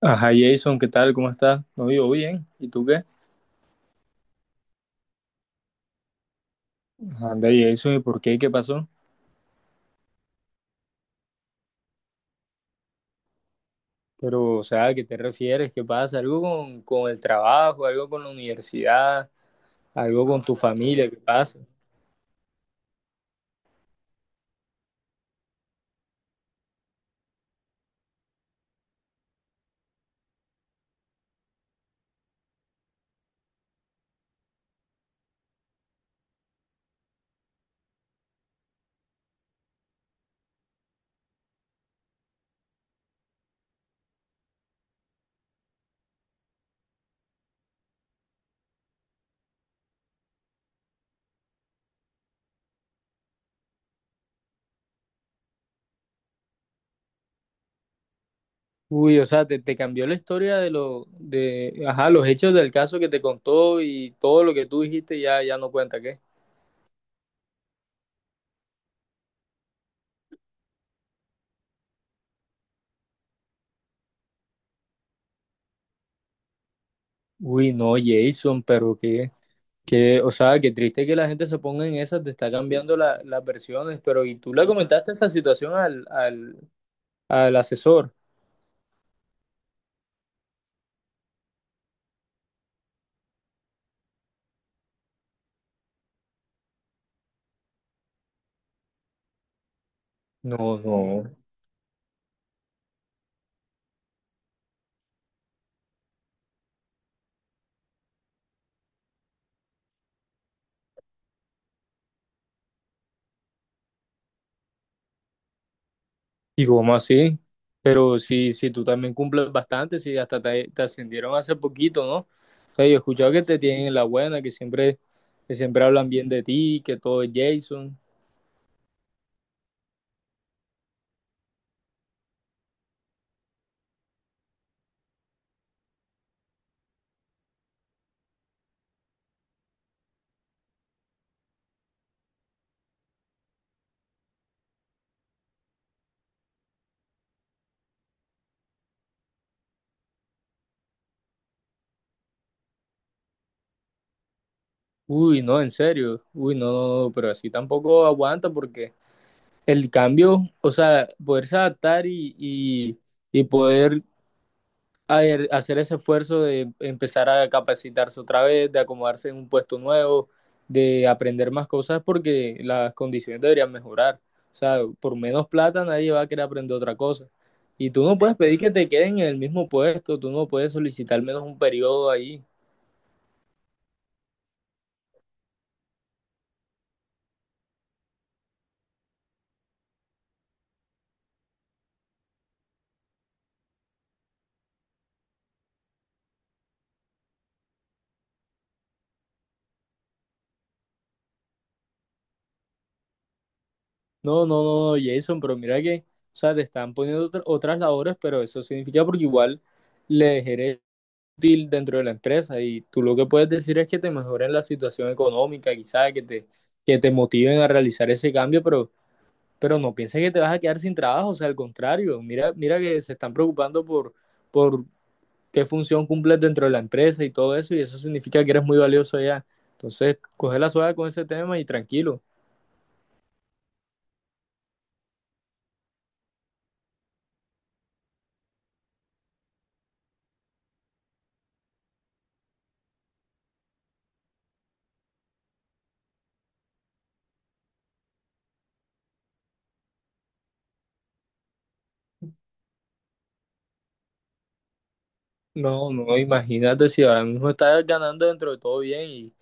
Ajá, Jason, ¿qué tal? ¿Cómo estás? No, yo bien. ¿Y tú qué? Anda, Jason, ¿y por qué? ¿Qué pasó? Pero, o sea, ¿a qué te refieres? ¿Qué pasa? ¿Algo con el trabajo? ¿Algo con la universidad? ¿Algo con tu familia? ¿Qué pasa? Uy, o sea, te cambió la historia de lo, de, ajá, los hechos del caso que te contó y todo lo que tú dijiste ya no cuenta, ¿qué? Uy, no, Jason, o sea, qué triste que la gente se ponga en esas, te está cambiando la- las versiones, pero ¿y tú le comentaste esa situación al asesor? No, no. ¿Y cómo así? Pero si, si tú también cumples bastante, si hasta te ascendieron hace poquito, ¿no? O sea, yo he escuchado que te tienen en la buena, que siempre hablan bien de ti, que todo es Jason. Uy, no, en serio. Uy, no, no, no, pero así tampoco aguanta porque el cambio, o sea, poderse adaptar y poder hacer ese esfuerzo de empezar a capacitarse otra vez, de acomodarse en un puesto nuevo, de aprender más cosas porque las condiciones deberían mejorar. O sea, por menos plata nadie va a querer aprender otra cosa. Y tú no puedes pedir que te queden en el mismo puesto, tú no puedes solicitar menos un periodo ahí. No, no, no, no, Jason, pero mira que, o sea, te están poniendo otra- otras labores, pero eso significa porque igual le ejerces útil dentro de la empresa y tú lo que puedes decir es que te mejoren la situación económica, quizás que te motiven a realizar ese cambio, pero no pienses que te vas a quedar sin trabajo, o sea, al contrario, mira que se están preocupando por qué función cumples dentro de la empresa y todo eso, y eso significa que eres muy valioso ya. Entonces, coge la suave con ese tema y tranquilo. No, no, imagínate si ahora mismo estás ganando dentro de todo bien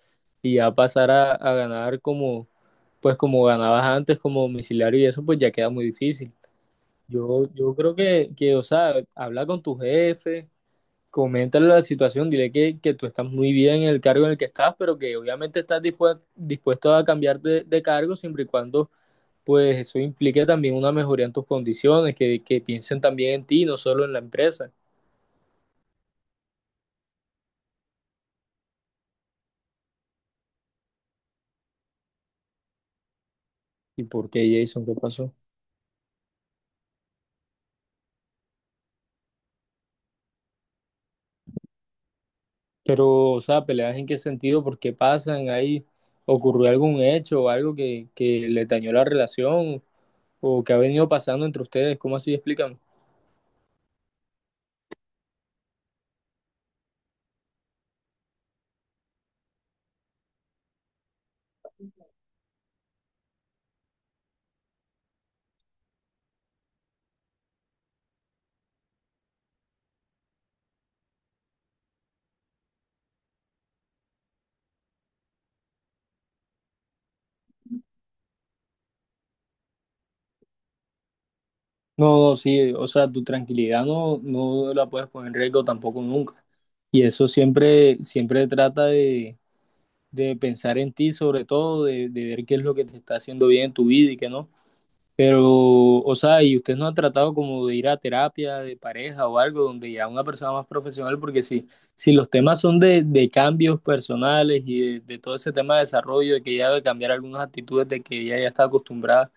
y ya pasar a ganar como, pues como ganabas antes como domiciliario y eso, pues ya queda muy difícil. Yo creo o sea, habla con tu jefe, coméntale la situación, dile que tú estás muy bien en el cargo en el que estás, pero que obviamente estás dispue- dispuesto a cambiar de cargo siempre y cuando pues eso implique también una mejoría en tus condiciones, que piensen también en ti, no solo en la empresa. ¿Y por qué, Jason? ¿Qué pasó? Pero, o sea, peleas en qué sentido, por qué pasan, ahí ocurrió algún hecho o algo que le dañó la relación o que ha venido pasando entre ustedes, ¿cómo así? Explícame. No, no, sí, o sea, tu tranquilidad no la puedes poner en riesgo tampoco nunca. Y eso siempre trata de pensar en ti, sobre todo, de ver qué es lo que te está haciendo bien en tu vida y qué no. Pero, o sea, y usted no ha tratado como de ir a terapia de pareja o algo donde ya una persona más profesional, porque si, si los temas son de cambios personales y de todo ese tema de desarrollo, de que ella debe cambiar algunas actitudes de que ella ya está acostumbrada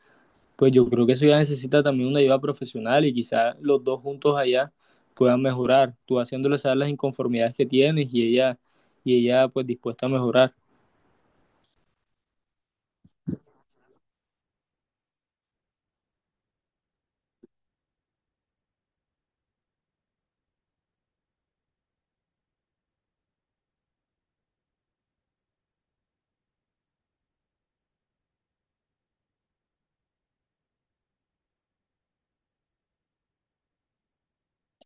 pues yo creo que eso ya necesita también una ayuda profesional y quizás los dos juntos allá puedan mejorar, tú haciéndole saber las inconformidades que tienes y ella pues dispuesta a mejorar.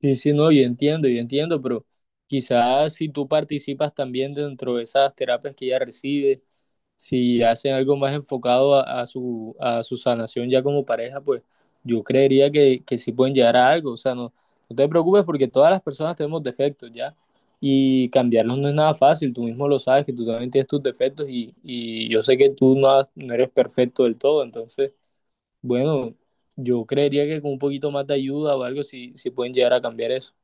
Sí, sí, no, yo entiendo, pero quizás si tú participas también dentro de esas terapias que ella recibe, si hacen algo más enfocado a su sanación ya como pareja, pues yo creería que sí pueden llegar a algo. O sea, no, no te preocupes porque todas las personas tenemos defectos ya y cambiarlos no es nada fácil. Tú mismo lo sabes que tú también tienes tus defectos y yo sé que tú no, has- no eres perfecto del todo. Entonces, bueno, yo creería que con un poquito más de ayuda o algo sí, sí pueden llegar a cambiar eso.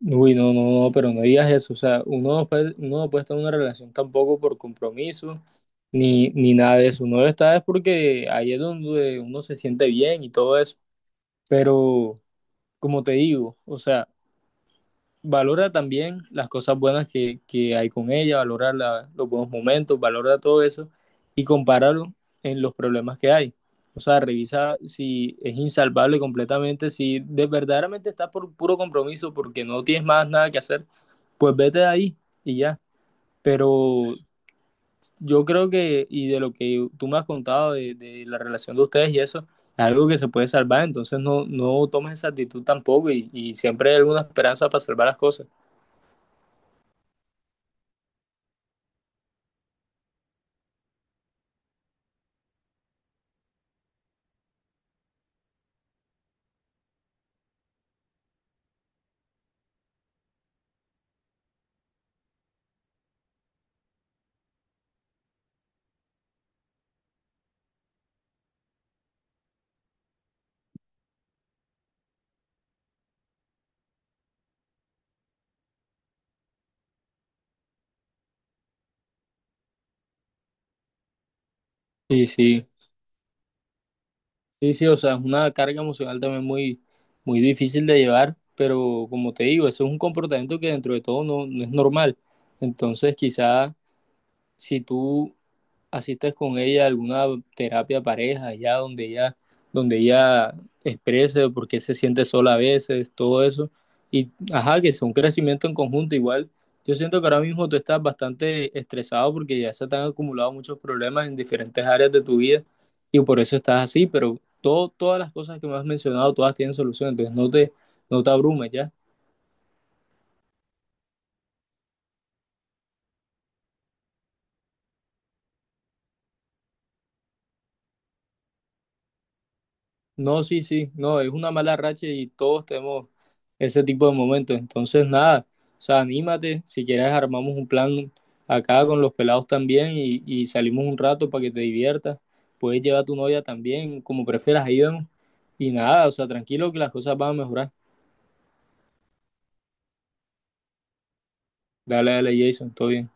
Uy, no, no, no, pero no digas eso. O sea, uno no puede estar en una relación tampoco por compromiso ni nada de eso. Uno está es porque ahí es donde uno se siente bien y todo eso. Pero, como te digo, o sea, valora también las cosas buenas que hay con ella, valora la- los buenos momentos, valora todo eso y compáralo en los problemas que hay. O sea, revisa si es insalvable completamente, si de, verdaderamente estás por puro compromiso porque no tienes más nada que hacer, pues vete de ahí y ya. Pero yo creo que, y de lo que tú me has contado de la relación de ustedes y eso, es algo que se puede salvar, entonces no, no tomes esa actitud tampoco y, y siempre hay alguna esperanza para salvar las cosas. Y sí, sí, sí, o sea, es una carga emocional también muy, muy difícil de llevar, pero como te digo, eso es un comportamiento que dentro de todo no, no es normal. Entonces, quizá si tú asistes con ella a alguna terapia pareja, donde ella exprese por qué se siente sola a veces, todo eso. Y ajá, que es un crecimiento en conjunto igual. Yo siento que ahora mismo tú estás bastante estresado porque ya se te han acumulado muchos problemas en diferentes áreas de tu vida y por eso estás así, pero todo, todas las cosas que me has mencionado, todas tienen solución, entonces no te abrumes ya. No, sí, sí, no, es una mala racha y todos tenemos ese tipo de momentos. Entonces, nada, o sea, anímate, si quieres armamos un plan acá con los pelados también y salimos un rato para que te diviertas. Puedes llevar a tu novia también, como prefieras, ahí vemos. Y nada, o sea, tranquilo que las cosas van a mejorar. Dale, dale, Jason, todo bien.